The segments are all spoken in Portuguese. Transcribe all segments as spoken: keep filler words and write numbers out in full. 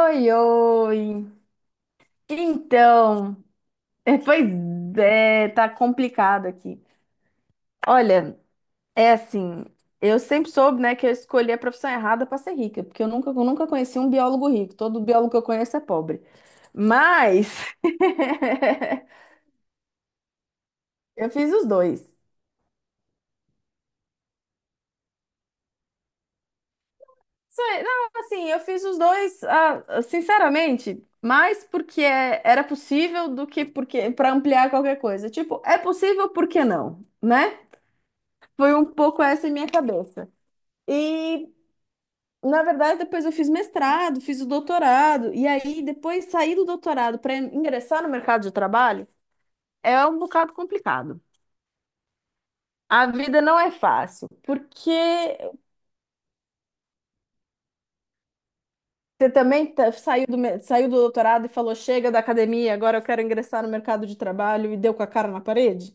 Oi, oi. Então, é, pois é, tá complicado aqui. Olha, é assim, eu sempre soube, né, que eu escolhi a profissão errada para ser rica, porque eu nunca, eu nunca conheci um biólogo rico. Todo biólogo que eu conheço é pobre. Mas eu fiz os dois. Só- Não, assim, eu fiz os dois, ah, sinceramente, mais porque é- era possível do que porque para ampliar qualquer coisa. Tipo, é possível, por que não, né? Foi um pouco essa a minha cabeça. E, na verdade, depois eu fiz mestrado, fiz o doutorado, e aí depois sair do doutorado para ingressar no mercado de trabalho é um bocado complicado. A vida não é fácil, porque você também tá- saiu do, me- saiu do doutorado e falou: chega da academia, agora eu quero ingressar no mercado de trabalho e deu com a cara na parede.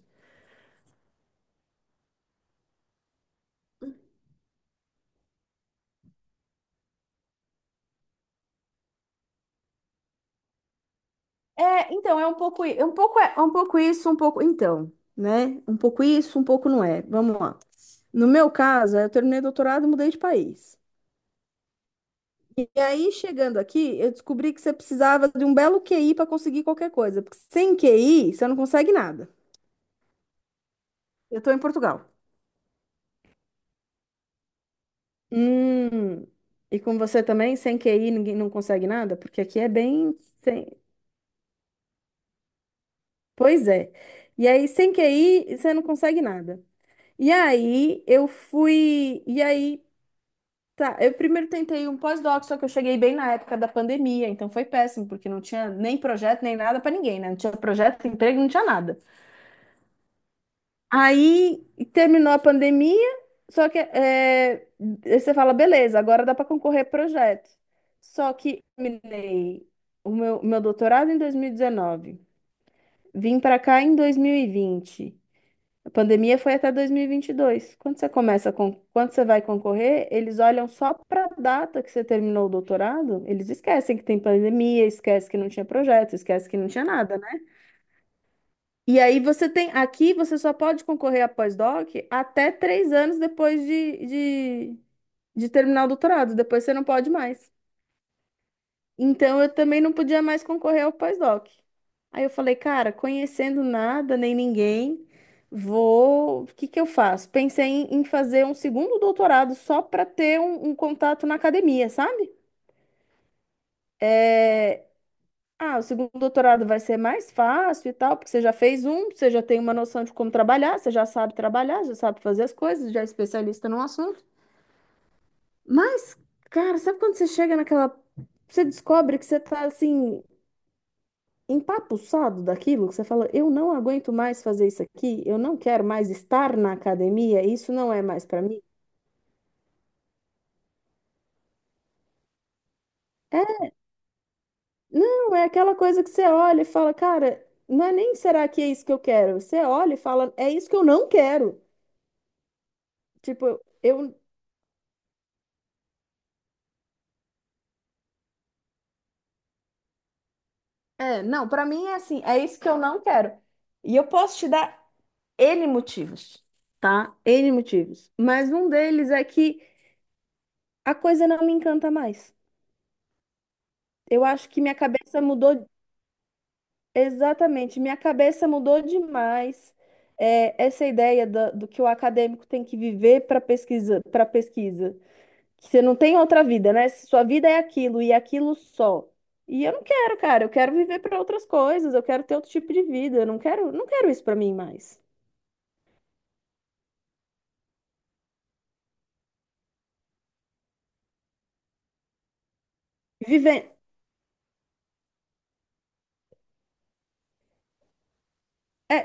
É, então, é um pouco, i- é um pouco, é, é um pouco isso, um pouco. Então, né? Um pouco isso, um pouco não é. Vamos lá. No meu caso, eu terminei doutorado e mudei de país. E aí, chegando aqui, eu descobri que você precisava de um belo Q I para conseguir qualquer coisa, porque sem Q I, você não consegue nada. Eu estou em Portugal. Hum, e com você também, sem Q I, ninguém não consegue nada? Porque aqui é bem sem... Pois é. E aí, sem Q I, você não consegue nada. E aí, eu fui. E aí. Tá, eu primeiro tentei um pós-doc, só que eu cheguei bem na época da pandemia, então foi péssimo, porque não tinha nem projeto, nem nada para ninguém, né? Não tinha projeto, emprego, não tinha nada. Aí terminou a pandemia, só que é, aí você fala, beleza, agora dá para concorrer a projeto. Só que terminei o meu, meu doutorado em dois mil e dezenove, vim para cá em dois mil e vinte. A pandemia foi até dois mil e vinte e dois. Quando você começa com, quando você vai concorrer, eles olham só para a data que você terminou o doutorado, eles esquecem que tem pandemia, esquecem que não tinha projeto, esquecem que não tinha nada, né? E aí você tem, aqui você só pode concorrer a pós-doc até três anos depois de, de, de terminar o doutorado, depois você não pode mais. Então eu também não podia mais concorrer ao pós-doc. Aí eu falei, cara, conhecendo nada nem ninguém, vou. O que que eu faço? Pensei em em fazer um segundo doutorado só para ter um, um contato na academia, sabe? Ah, o segundo doutorado vai ser mais fácil e tal, porque você já fez um, você já tem uma noção de como trabalhar, você já sabe trabalhar, já sabe fazer as coisas, já é especialista no assunto. Mas, cara, sabe quando você chega naquela. Você descobre que você tá assim, empapuçado daquilo, que você fala, eu não aguento mais fazer isso aqui, eu não quero mais estar na academia, isso não é mais para mim. É, não, é aquela coisa que você olha e fala, cara, não é nem será que é isso que eu quero? Você olha e fala, é isso que eu não quero. Tipo, eu, é, não, para mim é assim, é isso que eu não quero. E eu posso te dar N motivos, tá? N motivos. Mas um deles é que a coisa não me encanta mais. Eu acho que minha cabeça mudou. Exatamente, minha cabeça mudou demais. É, essa ideia da- do, que o acadêmico tem que viver para pesquisa, para pesquisa, que você não tem outra vida, né? Sua vida é aquilo e aquilo só. E eu não quero, cara, eu quero viver para outras coisas, eu quero ter outro tipo de vida, eu não quero, não quero isso para mim mais. Viver é,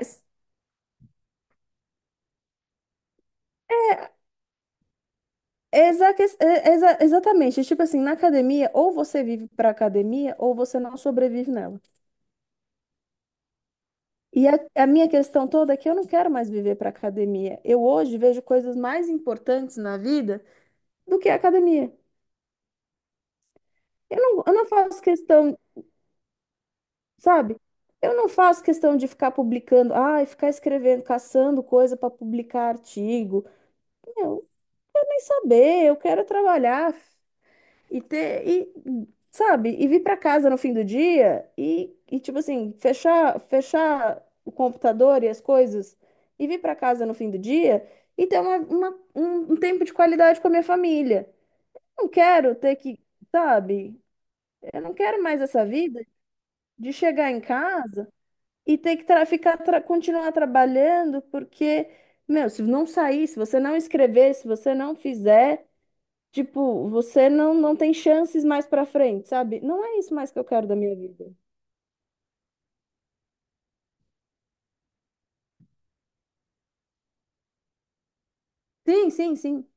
Exa é- exa- exatamente, tipo assim, na academia, ou você vive para academia ou você não sobrevive nela. E a, a minha questão toda é que eu não quero mais viver para academia. Eu hoje vejo coisas mais importantes na vida do que a academia. Eu não, eu não faço questão, sabe? Eu não faço questão de ficar publicando, ai, ficar escrevendo, caçando coisa para publicar artigo. Meu, eu nem saber, eu quero trabalhar. E ter, e, sabe, e vir para casa no fim do dia e, e tipo assim, fechar, fechar o computador e as coisas e vir para casa no fim do dia e ter uma, uma- um, um tempo de qualidade com a minha família. Não quero ter que, sabe, eu não quero mais essa vida de chegar em casa e ter que tra ficar tra continuar trabalhando porque, meu, se não sair, se você não escrever, se você não fizer. Tipo, você não, não tem chances mais pra frente, sabe? Não é isso mais que eu quero da minha vida. Sim, sim, sim.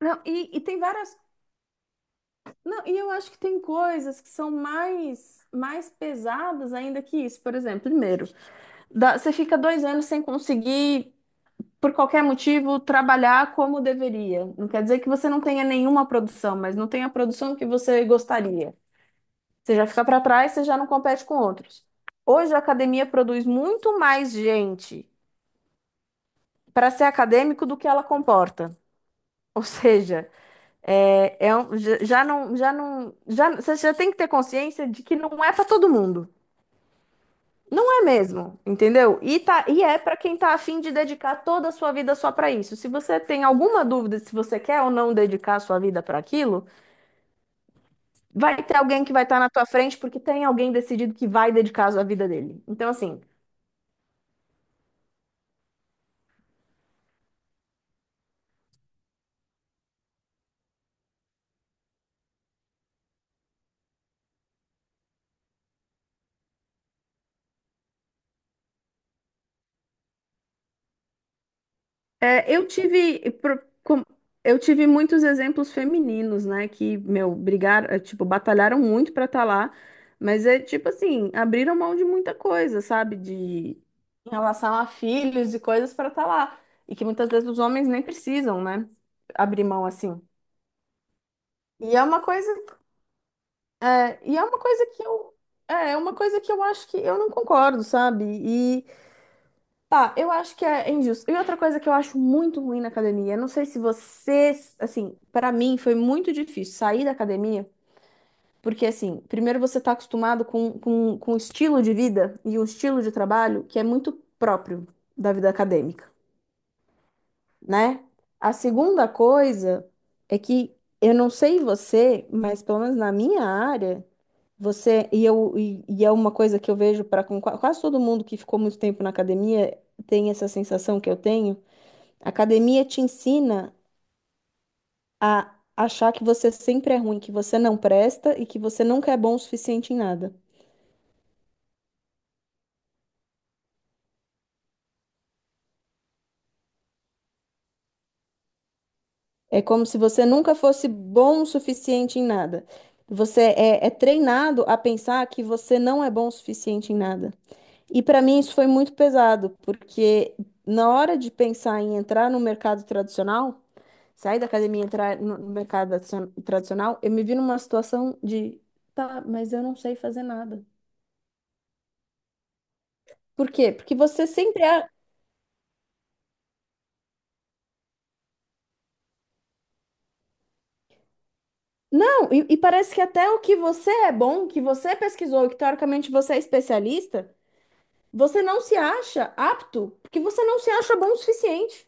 Não, e, e tem várias. Não, e eu acho que tem coisas que são mais, mais pesadas ainda que isso. Por exemplo, primeiro, dá- você fica dois anos sem conseguir, por qualquer motivo, trabalhar como deveria. Não quer dizer que você não tenha nenhuma produção, mas não tem a produção que você gostaria. Você já fica para trás, você já não compete com outros. Hoje a academia produz muito mais gente para ser acadêmico do que ela comporta. Ou seja, é, é um- já já não, já não, já, você já tem que ter consciência de que não é para todo mundo. Não é mesmo, entendeu? E, tá, e é para quem tá afim de dedicar toda a sua vida só para isso. Se você tem alguma dúvida se você quer ou não dedicar a sua vida para aquilo, vai ter alguém que vai estar na tua frente porque tem alguém decidido que vai dedicar a sua vida dele. Então, assim, É, eu tive, pro- com- eu tive muitos exemplos femininos, né, que, meu, brigaram, é, tipo, batalharam muito pra estar lá, mas é tipo assim, abriram mão de muita coisa, sabe, de em relação a filhos e coisas pra estar lá, e que muitas vezes os homens nem precisam, né, abrir mão assim. E é uma coisa, é, e é uma coisa que eu, é é uma coisa que eu acho que eu não concordo, sabe? Tá, eu acho que é injusto. E outra coisa que eu acho muito ruim na academia, eu não sei se vocês, assim, pra mim foi muito difícil sair da academia, porque assim, primeiro você tá acostumado com, com, com um estilo de vida e um estilo de trabalho que é muito próprio da vida acadêmica, né? A segunda coisa é que eu não sei você, mas pelo menos na minha área, você, e eu, e, e é uma coisa que eu vejo para quase todo mundo que ficou muito tempo na academia, tem essa sensação que eu tenho. A academia te ensina a achar que você sempre é ruim, que você não presta e que você nunca é bom o suficiente em nada. É como se você nunca fosse bom o suficiente em nada. Você é, é treinado a pensar que você não é bom o suficiente em nada. E para mim isso foi muito pesado, porque na hora de pensar em entrar no mercado tradicional, sair da academia e entrar no no mercado tradicion- tradicional, eu me vi numa situação de, tá, mas eu não sei fazer nada. Por quê? Porque você sempre é... Não, e, e parece que até o que você é bom, que você pesquisou, que teoricamente você é especialista, você não se acha apto, porque você não se acha bom o suficiente.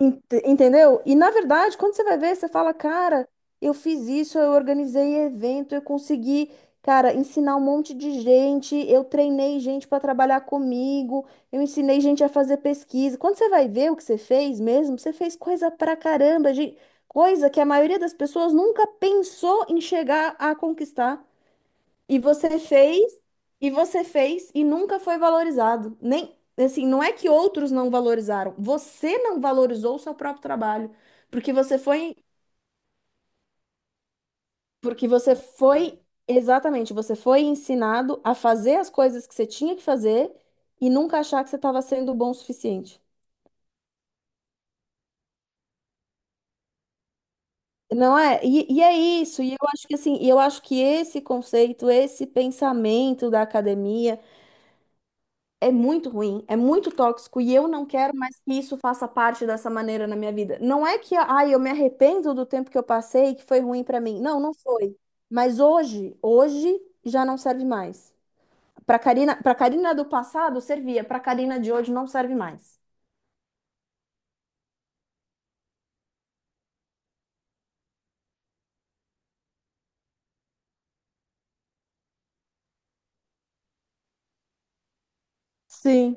Ent- Entendeu? E na verdade, quando você vai ver, você fala, cara, eu fiz isso, eu organizei evento, eu consegui, cara, ensinar um monte de gente, eu treinei gente para trabalhar comigo, eu ensinei gente a fazer pesquisa. Quando você vai ver o que você fez mesmo, você fez coisa pra caramba, gente, coisa que a maioria das pessoas nunca pensou em chegar a conquistar. E você fez, e você fez, e nunca foi valorizado. Nem, assim, não é que outros não valorizaram. Você não valorizou o seu próprio trabalho, porque você foi, porque você foi, exatamente, você foi ensinado a fazer as coisas que você tinha que fazer e nunca achar que você estava sendo bom o suficiente. Não é? E, e é isso. E eu acho que assim, e eu acho que esse conceito, esse pensamento da academia é muito ruim, é muito tóxico e eu não quero mais que isso faça parte dessa maneira na minha vida. Não é que, ai, eu me arrependo do tempo que eu passei, que foi ruim pra mim. Não, não foi. Mas hoje, hoje já não serve mais. Pra Karina, para Karina do passado servia, pra Karina de hoje não serve mais. Sim.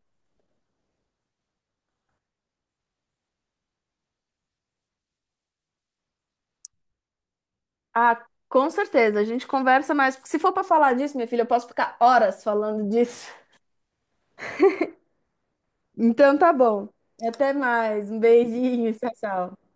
Ah, com certeza, a gente conversa mais, porque se for pra falar disso, minha filha, eu posso ficar horas falando disso. Então tá bom. Até mais. Um beijinho, tchau, tchau.